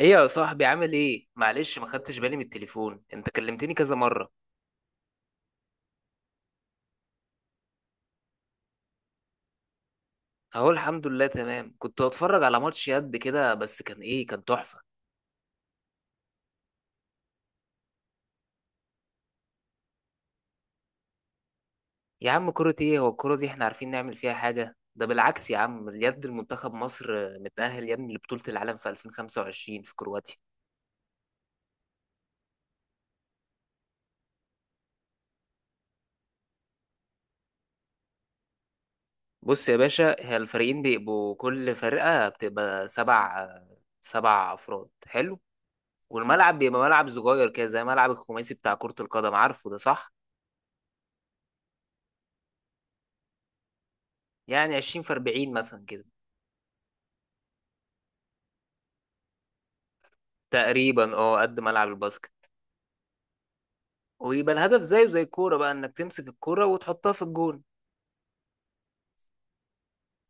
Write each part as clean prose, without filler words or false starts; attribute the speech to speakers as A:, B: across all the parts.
A: ايه يا صاحبي، عامل ايه؟ معلش ما خدتش بالي من التليفون، انت كلمتني كذا مره. اهو الحمد لله تمام، كنت بتفرج على ماتش يد كده، بس كان ايه، كان تحفه. يا عم كرة ايه؟ هو الكرة دي احنا عارفين نعمل فيها حاجه؟ ده بالعكس يا عم، اليد المنتخب مصر متأهل يا ابني لبطولة العالم في 2025 في كرواتيا. بص يا باشا، هي الفريقين بيبقوا كل فرقة بتبقى سبع، سبع أفراد. حلو. والملعب بيبقى ملعب صغير كده زي ملعب الخماسي بتاع كرة القدم، عارفه ده؟ صح. يعني 20 في 40 مثلا كده. تقريبا اه، قد ملعب الباسكت. ويبقى الهدف زيه زي الكوره بقى، انك تمسك الكوره وتحطها في الجون.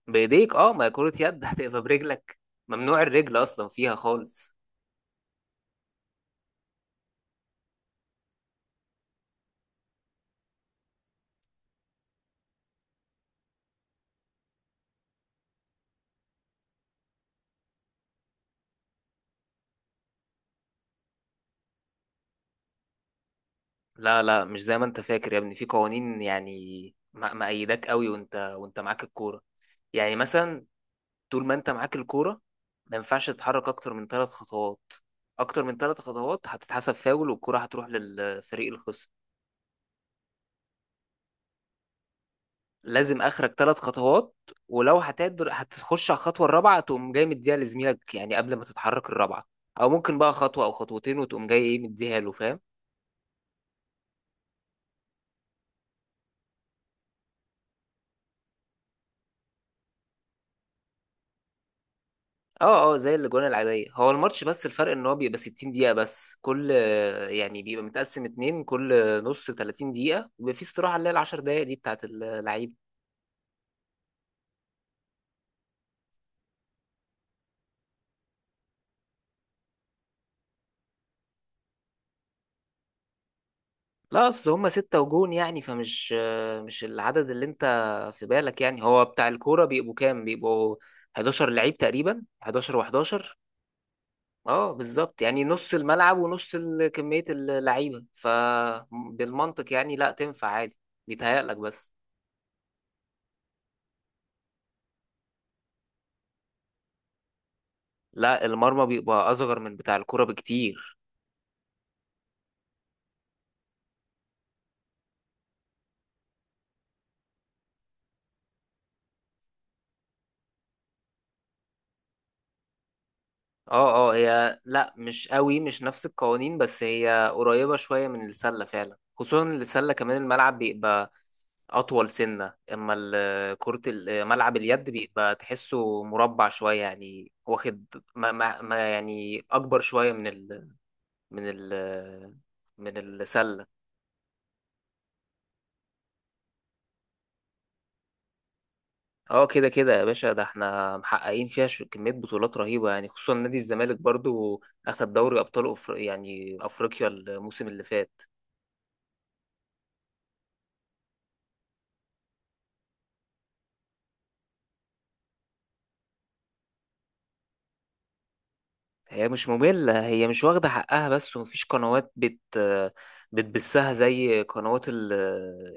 A: بايديك اه، ما هي كره يد هتبقى برجلك؟ ممنوع الرجل اصلا فيها خالص. لا لا، مش زي ما انت فاكر يا ابني، في قوانين يعني. مأيداك قوي وانت معاك الكوره. يعني مثلا طول ما انت معاك الكوره ما ينفعش تتحرك اكتر من ثلاث خطوات. اكتر من ثلاث خطوات هتتحسب فاول والكرة هتروح للفريق الخصم. لازم اخرك ثلاث خطوات، ولو هتقدر هتخش على الخطوه الرابعه، تقوم جاي مديها لزميلك يعني قبل ما تتحرك الرابعه. او ممكن بقى خطوه او خطوتين وتقوم جاي ايه مديها له، فاهم؟ اه اه، زي الاجوان العاديه. هو الماتش بس الفرق ان هو بيبقى 60 دقيقه بس كل، يعني بيبقى متقسم اتنين، كل نص 30 دقيقه، وبيبقى في استراحه اللي هي ال 10 دقائق دي بتاعت اللعيبه. لا اصل هما ستة وجون، يعني فمش، مش العدد اللي انت في بالك. يعني هو بتاع الكوره بيبقوا كام؟ بيبقوا 11 لعيب تقريبا، 11 و11. اه بالظبط، يعني نص الملعب ونص كمية اللعيبة، فبالمنطق يعني لا، تنفع عادي، بيتهيألك بس. لا، المرمى بيبقى أصغر من بتاع الكرة بكتير. اه اه هي، لا مش قوي مش نفس القوانين، بس هي قريبة شوية من السلة فعلا، خصوصا إن السلة كمان الملعب بيبقى أطول سنة، أما كرة ملعب اليد بيبقى تحسه مربع شوية يعني، واخد ما يعني أكبر شوية من من ال، من السلة. اه كده كده يا باشا، ده احنا محققين فيها كمية بطولات رهيبة يعني، خصوصا نادي الزمالك برضو أخد دوري أبطال يعني أفريقيا الموسم اللي فات. هي مش مملة، هي مش واخدة حقها بس، ومفيش قنوات بتبثها زي قنوات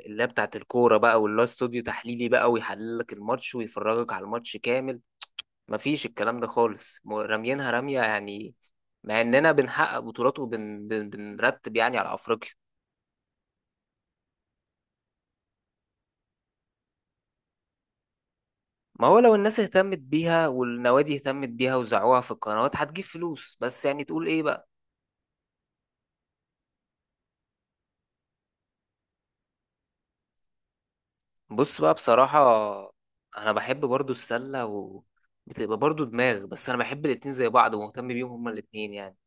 A: اللي هي بتاعت الكورة بقى، واللي هو استوديو تحليلي بقى ويحلل لك الماتش ويفرجك على الماتش كامل. مفيش الكلام ده خالص، راميينها رمية يعني. مع اننا بنحقق بطولات وبن بن- بنرتب يعني على افريقيا. ما هو لو الناس اهتمت بيها والنوادي اهتمت بيها وزعوها في القنوات هتجيب فلوس، بس يعني تقول ايه بقى. بص بقى بصراحة، انا بحب برضو السلة، و بتبقى برضو دماغ، بس انا بحب الاتنين زي بعض ومهتم بيهم هما الاتنين يعني.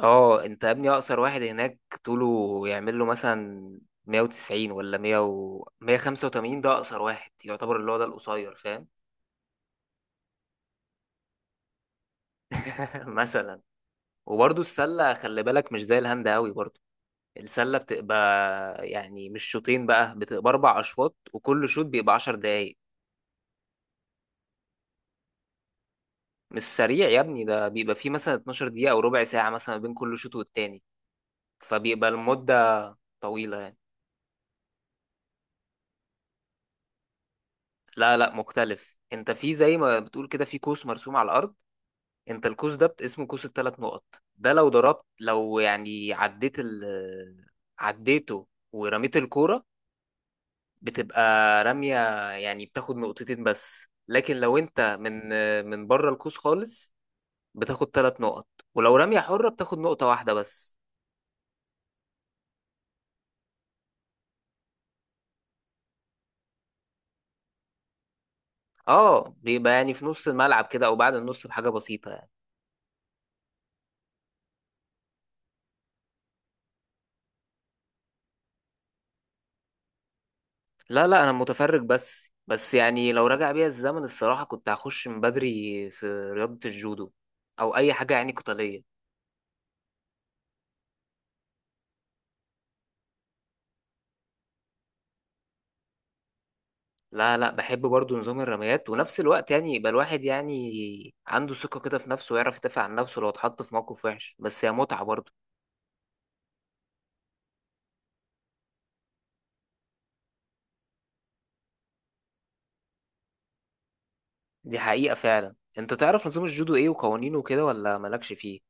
A: اه انت يا ابني اقصر واحد هناك طوله يعمل له مثلا 190 ولا 100 و 185. ده اقصر واحد يعتبر، اللي هو ده القصير فاهم. مثلا. وبرضو السلة خلي بالك مش زي الهاند قوي برضو. السلة بتبقى يعني مش شوطين بقى، بتبقى أربع أشواط، وكل شوط بيبقى عشر دقايق. مش سريع يا ابني، ده بيبقى فيه مثلا 12 دقيقة أو ربع ساعة مثلا بين كل شوط والتاني. فبيبقى المدة طويلة يعني. لا لا مختلف. أنت في زي ما بتقول كده في كوس مرسوم على الأرض. أنت الكوس ده اسمه كوس التلات نقط. ده لو ضربت، لو يعني عديت ال، عديته ورميت الكورة، بتبقى رمية. يعني بتاخد نقطتين بس، لكن لو انت من من بره القوس خالص بتاخد ثلاث نقط، ولو رمية حرة بتاخد نقطة واحدة بس. اه بيبقى يعني في نص الملعب كده او بعد النص بحاجة بسيطة يعني. لا لا انا متفرج بس، بس يعني لو رجع بيا الزمن الصراحة كنت هخش من بدري في رياضة الجودو، او اي حاجة يعني قتالية. لا لا، بحب برضو نظام الرميات، ونفس الوقت يعني يبقى الواحد يعني عنده ثقة كده في نفسه، ويعرف يدافع عن نفسه لو اتحط في موقف وحش، بس هي متعة برضو. دي حقيقة فعلا. انت تعرف نظام الجودو ايه وقوانينه وكده ولا مالكش فيه؟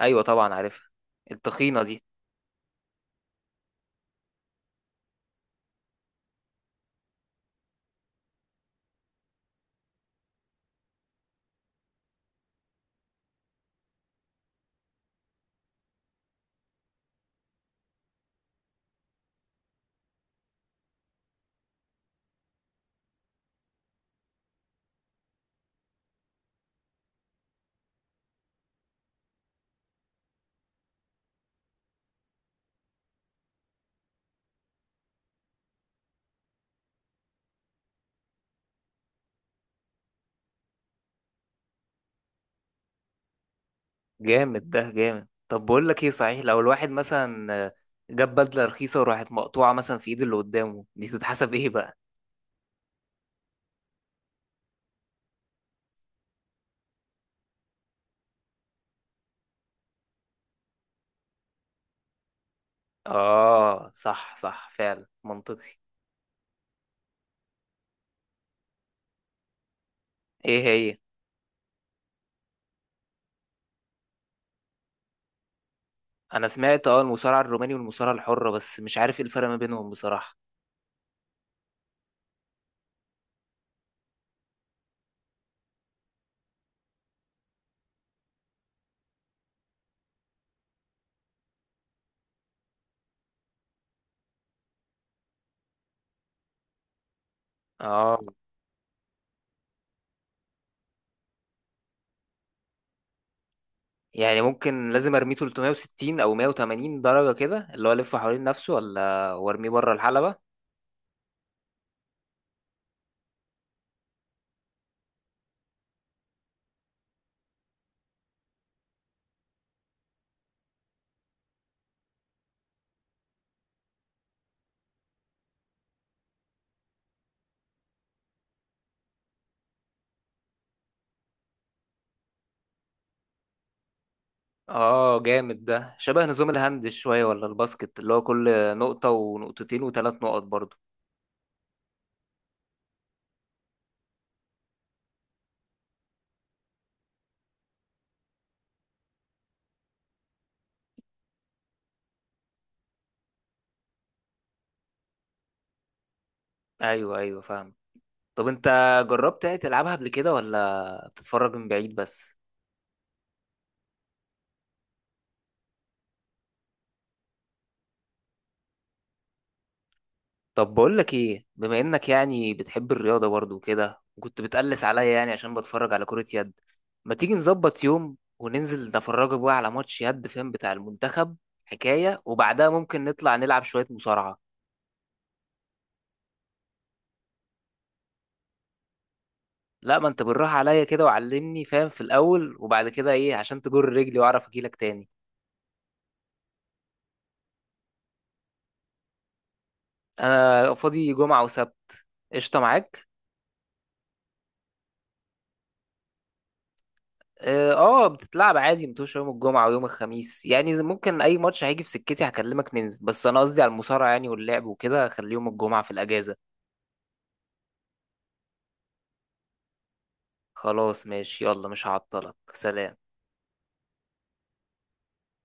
A: ايوه طبعا عارفها التخينة دي. جامد، ده جامد. طب بقول لك ايه صحيح، لو الواحد مثلا جاب بدلة رخيصة وراحت مقطوعة مثلا في ايد اللي قدامه، دي تتحسب ايه بقى؟ اه صح صح، فعلا منطقي. ايه هي؟ انا سمعت اه المصارعة الروماني والمصارعة الحرة، بس مش عارف ايه الفرق ما بينهم بصراحة. اه يعني ممكن لازم ارميه 360 او 180 درجة كده، اللي هو الف حوالين نفسه، ولا وارميه بره الحلبة؟ اه جامد. ده شبه نظام الهاند شوية ولا الباسكت اللي هو كل نقطة ونقطتين وثلاث نقط برضو. ايوه ايوه فاهم. طب انت جربت يعني تلعبها قبل كده ولا بتتفرج من بعيد بس؟ طب بقول لك ايه، بما انك يعني بتحب الرياضة برضو كده، وكنت بتقلس عليا يعني عشان بتفرج على كرة يد، ما تيجي نظبط يوم وننزل نتفرجك بقى على ماتش يد فاهم بتاع المنتخب حكاية، وبعدها ممكن نطلع نلعب شوية مصارعة. لا ما انت بالراحة عليا كده وعلمني فاهم في الأول، وبعد كده ايه عشان تجر رجلي واعرف اجيلك تاني. انا فاضي جمعة وسبت. قشطة معاك. اه بتتلعب عادي متوش يوم الجمعة ويوم الخميس يعني ممكن اي ماتش هيجي في سكتي هكلمك ننزل، بس انا قصدي على المصارعة يعني واللعب وكده خلي يوم الجمعة في الأجازة. خلاص ماشي، يلا مش هعطلك، سلام.